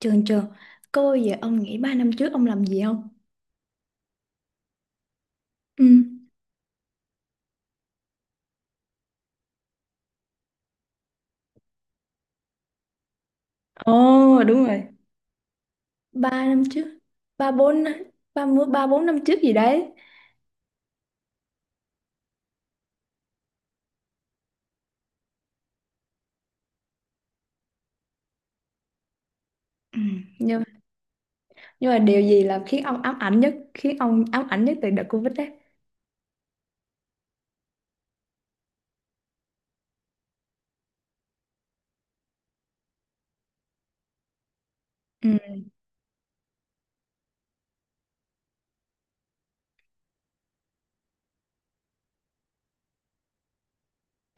Trường trường, cô ơi, vậy ông nghĩ 3 năm trước ông làm gì không? Ừ. Ồ đúng rồi. Ba năm trước, 3 3 ba bốn năm trước gì đấy. Ừ. Nhưng nhưng mà điều gì khiến ông ám ảnh nhất, khiến ông ám ảnh nhất từ đợt Covid đấy? Ừ.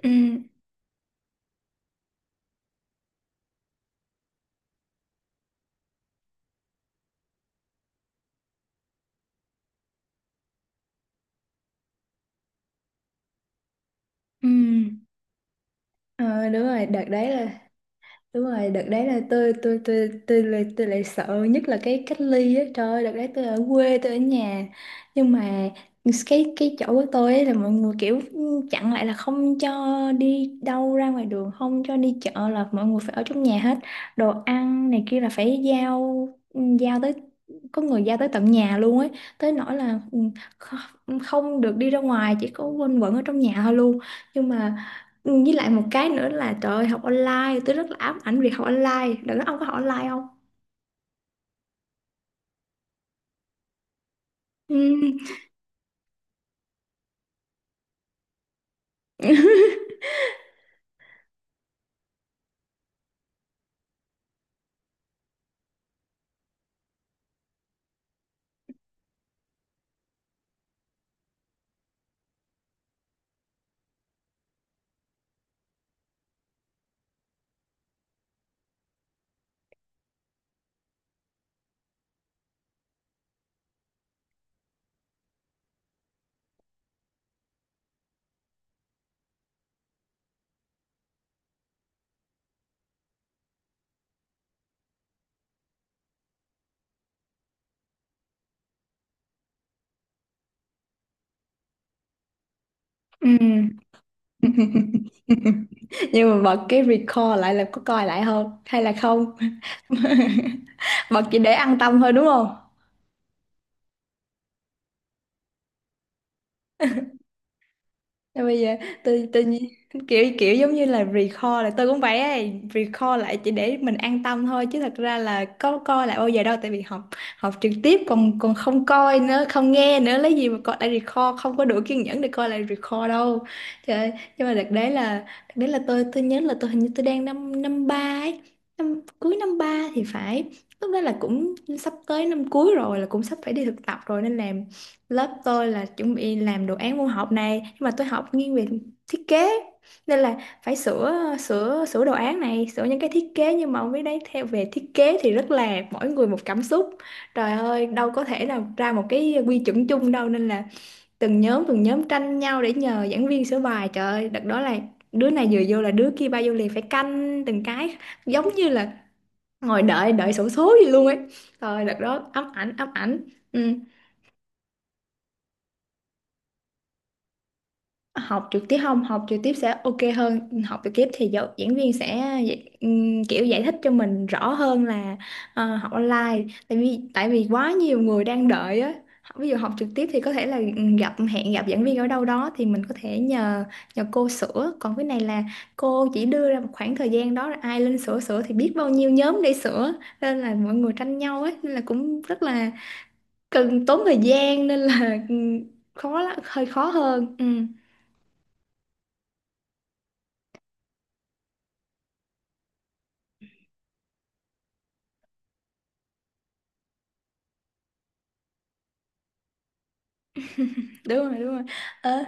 Ừ. Ừ. Ờ, đúng rồi, đợt đấy là đúng rồi, đợt đấy là tôi lại sợ nhất là cái cách ly á. Trời ơi, đợt đấy tôi ở quê, tôi ở nhà. Nhưng mà cái chỗ của tôi ấy là mọi người kiểu chặn lại, là không cho đi đâu ra ngoài đường, không cho đi chợ, là mọi người phải ở trong nhà hết. Đồ ăn này kia là phải giao giao tới, có người giao tới tận nhà luôn ấy. Tới nỗi là ừ, không được đi ra ngoài, chỉ có quanh quẩn ở trong nhà thôi luôn. Nhưng mà với lại một cái nữa là trời ơi, học online, tôi rất là ám ảnh việc học online. Đừng nói ông có học online không. Ừm. Ừm. Nhưng mà bật cái record lại là có coi lại không hay là không? Bật chỉ để an tâm thôi đúng không? Rồi bây giờ tự, tự nhiên kiểu kiểu giống như là recall lại, tôi cũng vậy ấy, recall lại chỉ để mình an tâm thôi chứ thật ra là có coi lại bao giờ đâu, tại vì học học trực tiếp còn còn không coi nữa, không nghe nữa, lấy gì mà coi lại recall, không có đủ kiên nhẫn để coi lại recall đâu. Trời ơi, nhưng mà đợt đấy là tôi nhớ là tôi hình như tôi đang năm năm ba ấy, năm cuối năm ba thì phải. Lúc đó là cũng sắp tới năm cuối rồi, là cũng sắp phải đi thực tập rồi, nên là lớp tôi là chuẩn bị làm đồ án môn học này, nhưng mà tôi học nghiêng về thiết kế, nên là phải sửa sửa sửa đồ án này, sửa những cái thiết kế, nhưng mà ông biết đấy, theo về thiết kế thì rất là mỗi người một cảm xúc, trời ơi đâu có thể nào ra một cái quy chuẩn chung đâu, nên là từng nhóm tranh nhau để nhờ giảng viên sửa bài. Trời ơi đợt đó là đứa này vừa vô là đứa kia bao vô liền, phải canh từng cái, giống như là ngồi đợi đợi xổ số gì luôn ấy. Trời ơi, đợt đó ám ảnh, ám ảnh. Ừ. Học trực tiếp, không, học trực tiếp sẽ ok hơn. Học trực tiếp thì giáo, diễn viên sẽ kiểu giải thích cho mình rõ hơn, là ờ, học online tại vì quá nhiều người đang đợi á. Ví dụ học trực tiếp thì có thể là ừ, gặp hẹn gặp giảng viên ở đâu đó thì mình có thể nhờ nhờ cô sửa, còn cái này là cô chỉ đưa ra một khoảng thời gian đó, là ai lên sửa sửa thì biết bao nhiêu nhóm để sửa, nên là mọi người tranh nhau ấy, nên là cũng rất là cần tốn thời gian, nên là khó lắm, hơi khó hơn. Ừ. Đúng rồi, đúng rồi. Ờ.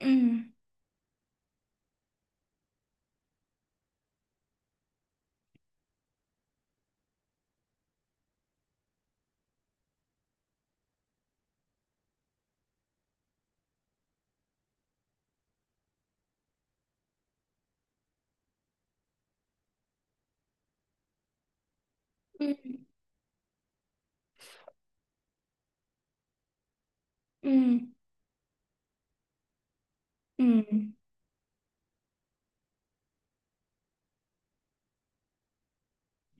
Ừ. Ừ. Ừ. Ừ.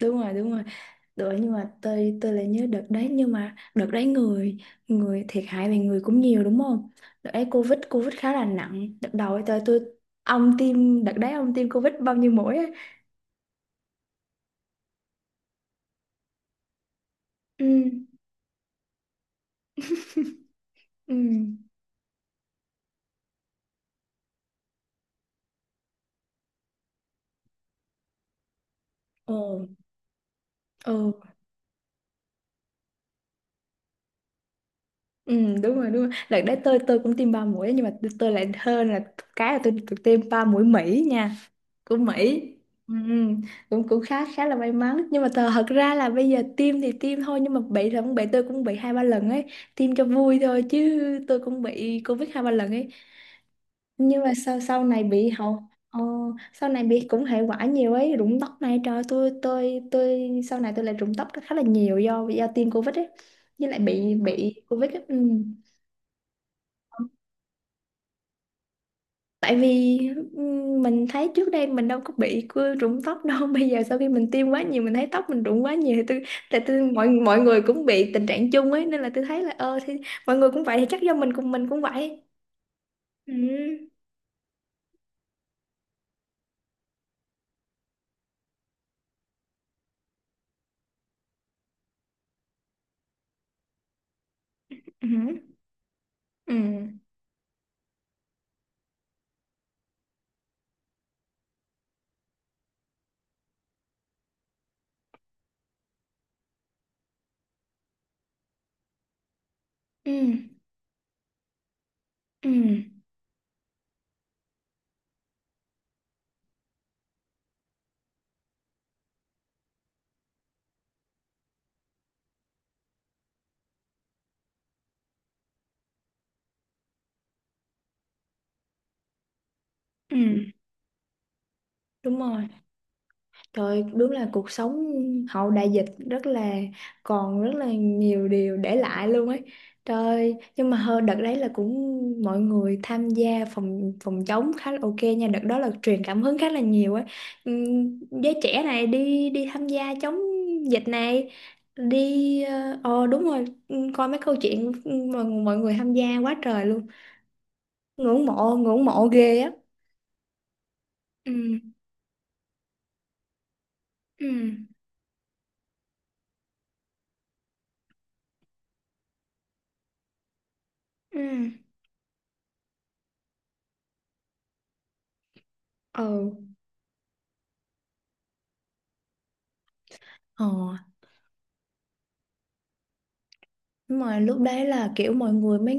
Đúng rồi, đúng rồi. Rồi nhưng mà tôi lại nhớ đợt đấy, nhưng mà đợt đấy người người thiệt hại về người cũng nhiều đúng không. Đợt đấy covid covid khá là nặng đợt đầu ấy. Tôi ông tiêm đợt đấy, ông tiêm covid bao nhiêu mũi ấy? Ừ. Ừ. Ồ. Ừ. Ừ. Đúng rồi, đúng rồi, đợt đấy tôi cũng tiêm ba mũi, nhưng mà tôi lại hơn là cái là tôi tiêm ba mũi Mỹ nha, của Mỹ. Ừ, ừ. Cũng cũng khá, khá là may mắn, nhưng mà thật, thật ra là bây giờ tiêm thì tiêm thôi nhưng mà bị là cũng bị, tôi cũng bị hai ba lần ấy. Tiêm cho vui thôi chứ. Tôi cũng bị Covid hai ba lần ấy, nhưng mà sau sau này bị hậu, ờ, sau này bị cũng hệ quả nhiều ấy. Rụng tóc này, trời ơi, tôi sau này tôi lại rụng tóc khá là nhiều do tiêm Covid ấy, với lại bị Covid ấy. Ừ. Tại vì mình thấy trước đây mình đâu có bị cứ rụng tóc đâu. Bây giờ sau khi mình tiêm quá nhiều, mình thấy tóc mình rụng quá nhiều, thì tôi tại tôi mọi mọi người cũng bị tình trạng chung ấy, nên là tôi thấy là ờ thì mọi người cũng vậy thì chắc do mình, cùng mình cũng vậy. Ừ. Ừ. Ừ. Ừ. Ừ. Ừ. Đúng rồi. Trời, đúng là cuộc sống hậu đại dịch rất là còn rất là nhiều điều để lại luôn ấy. Trời, nhưng mà hơn đợt đấy là cũng mọi người tham gia phòng phòng chống khá là ok nha, đợt đó là truyền cảm hứng khá là nhiều ấy. Giới trẻ này đi đi tham gia chống dịch này, đi ờ ờ, đúng rồi, coi mấy câu chuyện mọi, mọi người tham gia quá trời luôn. Ngưỡng mộ ghê á. Ừ, ừ, ừ. Ừ. Ờ. Đúng rồi, lúc đấy là kiểu mọi người mới,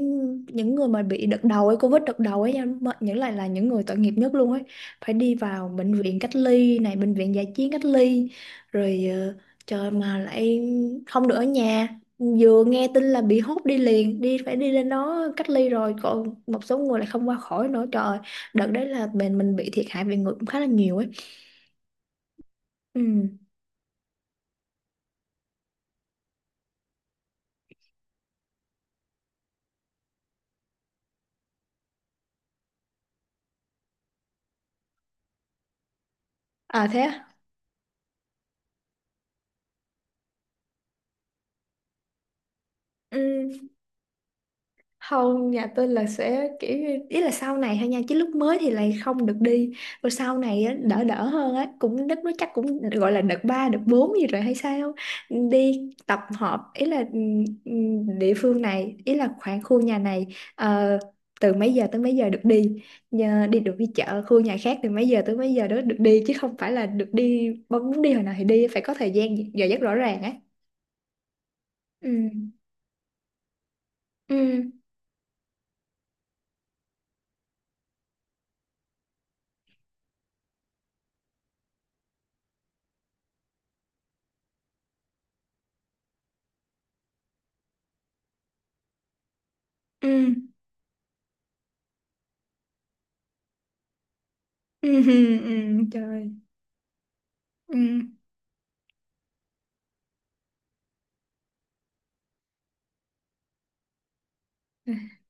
những người mà bị đợt đầu ấy, Covid đợt đầu ấy nha, mà những lại là những người tội nghiệp nhất luôn ấy, phải đi vào bệnh viện cách ly này, bệnh viện dã chiến cách ly, rồi ờ, trời mà lại không được ở nhà, vừa nghe tin là bị hốt đi liền, đi phải đi lên đó cách ly, rồi còn một số người lại không qua khỏi nữa. Trời ơi, đợt đấy là mình bị thiệt hại về người cũng khá là nhiều ấy. Ừ. À thế à? Ừ. Không, nhà tôi là sẽ ý là sau này thôi nha, chứ lúc mới thì lại không được đi, rồi sau này á, đỡ đỡ hơn á, cũng đất nó chắc cũng gọi là đợt 3 đợt 4 gì rồi hay sao. Đi tập họp ý là địa phương này, ý là khoảng khu nhà này ờ, từ mấy giờ tới mấy giờ được đi. Nhờ đi được đi chợ khu nhà khác từ mấy giờ tới mấy giờ đó được đi, chứ không phải là được đi bỗng muốn đi hồi nào thì đi, phải có thời gian giờ giấc rõ ràng á. Ừ. Ừ. Ừ. Ừ. Ừ. Ừ, ừ, trời. Ừ.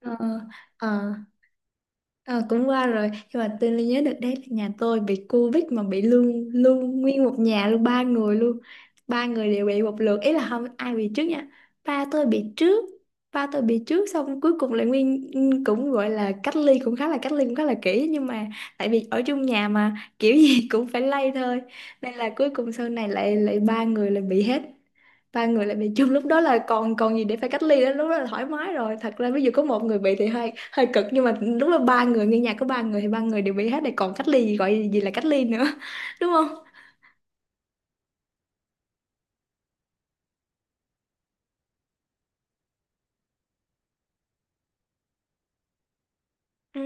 Ờ, ờ, ờ, cũng qua rồi, nhưng mà tôi nhớ được đấy là nhà tôi bị Covid mà bị luôn, luôn nguyên một nhà luôn, ba người luôn. Ba người đều bị một lượt, ý là không ai bị trước nha. Ba tôi bị trước ba tôi bị trước, xong cuối cùng lại nguyên cũng gọi là cách ly, cũng khá là cách ly cũng khá là kỹ, nhưng mà tại vì ở chung nhà mà kiểu gì cũng phải lây thôi, nên là cuối cùng sau này lại lại ba người lại bị hết. Ba người lại bị chung, lúc đó là còn còn gì để phải cách ly đó, lúc đó là thoải mái rồi. Thật ra ví dụ có một người bị thì hơi hơi cực, nhưng mà lúc đó ba người nghe nhạc, có ba người thì ba người đều bị hết thì còn cách ly gì, gọi gì là cách ly nữa. Đúng không? Ừ.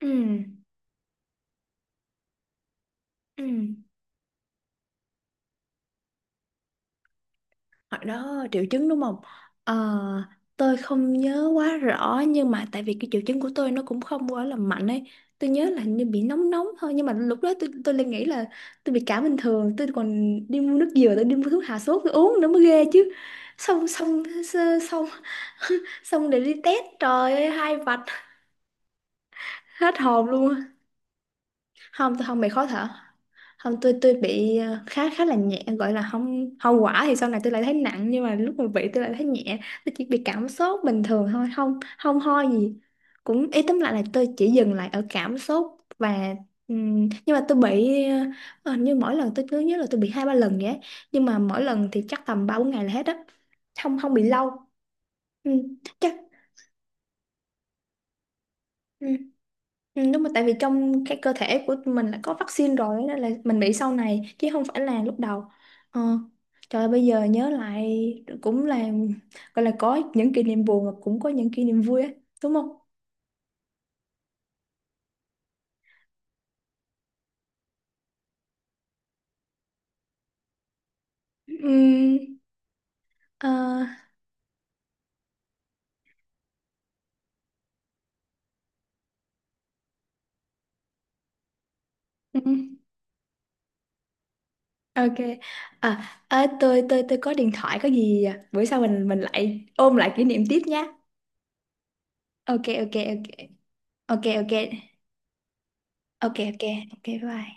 Ừ. Ừ. Hồi đó triệu chứng đúng không? Ờ, tôi không nhớ quá rõ, nhưng mà tại vì cái triệu chứng của tôi nó cũng không quá là mạnh ấy. Tôi nhớ là hình như bị nóng nóng thôi, nhưng mà lúc đó tôi lại nghĩ là tôi bị cảm bình thường, tôi còn đi mua nước dừa, tôi đi mua thuốc hạ sốt tôi uống nữa, mới ghê chứ. Xong xong xong xong để đi test, trời ơi hai vạch, hết hồn luôn. Không, tôi không bị khó thở. Không, tôi bị ờ, khá, khá là nhẹ, gọi là không, hậu quả thì sau này tôi lại thấy nặng, nhưng mà lúc mà bị tôi lại thấy nhẹ. Tôi chỉ bị cảm sốt bình thường thôi, không không ho gì. Cũng ý tóm lại là tôi chỉ dừng lại ở cảm sốt. Và nhưng mà tôi bị ờ, ờ, như mỗi lần tôi cứ nhớ là tôi bị hai ba lần vậy á. Nhưng mà mỗi lần thì chắc tầm ba bốn ngày là hết á, không không bị lâu. Ừ, chắc. Ừ. Ừ, đúng rồi, tại vì trong cái cơ thể của mình đã có vaccine rồi, nên là mình bị sau này chứ không phải là lúc đầu. Ờ. Trời ơi, bây giờ nhớ lại cũng là gọi là có những kỷ niệm buồn mà cũng có những kỷ niệm vui á, đúng không? Ừm, ờ, ừm, ok. À, à, tôi có điện thoại có gì à? Bữa sau mình lại ôm lại kỷ niệm tiếp nhé. Ok ok ok. Ok ok. Ok ok. ok bye bye.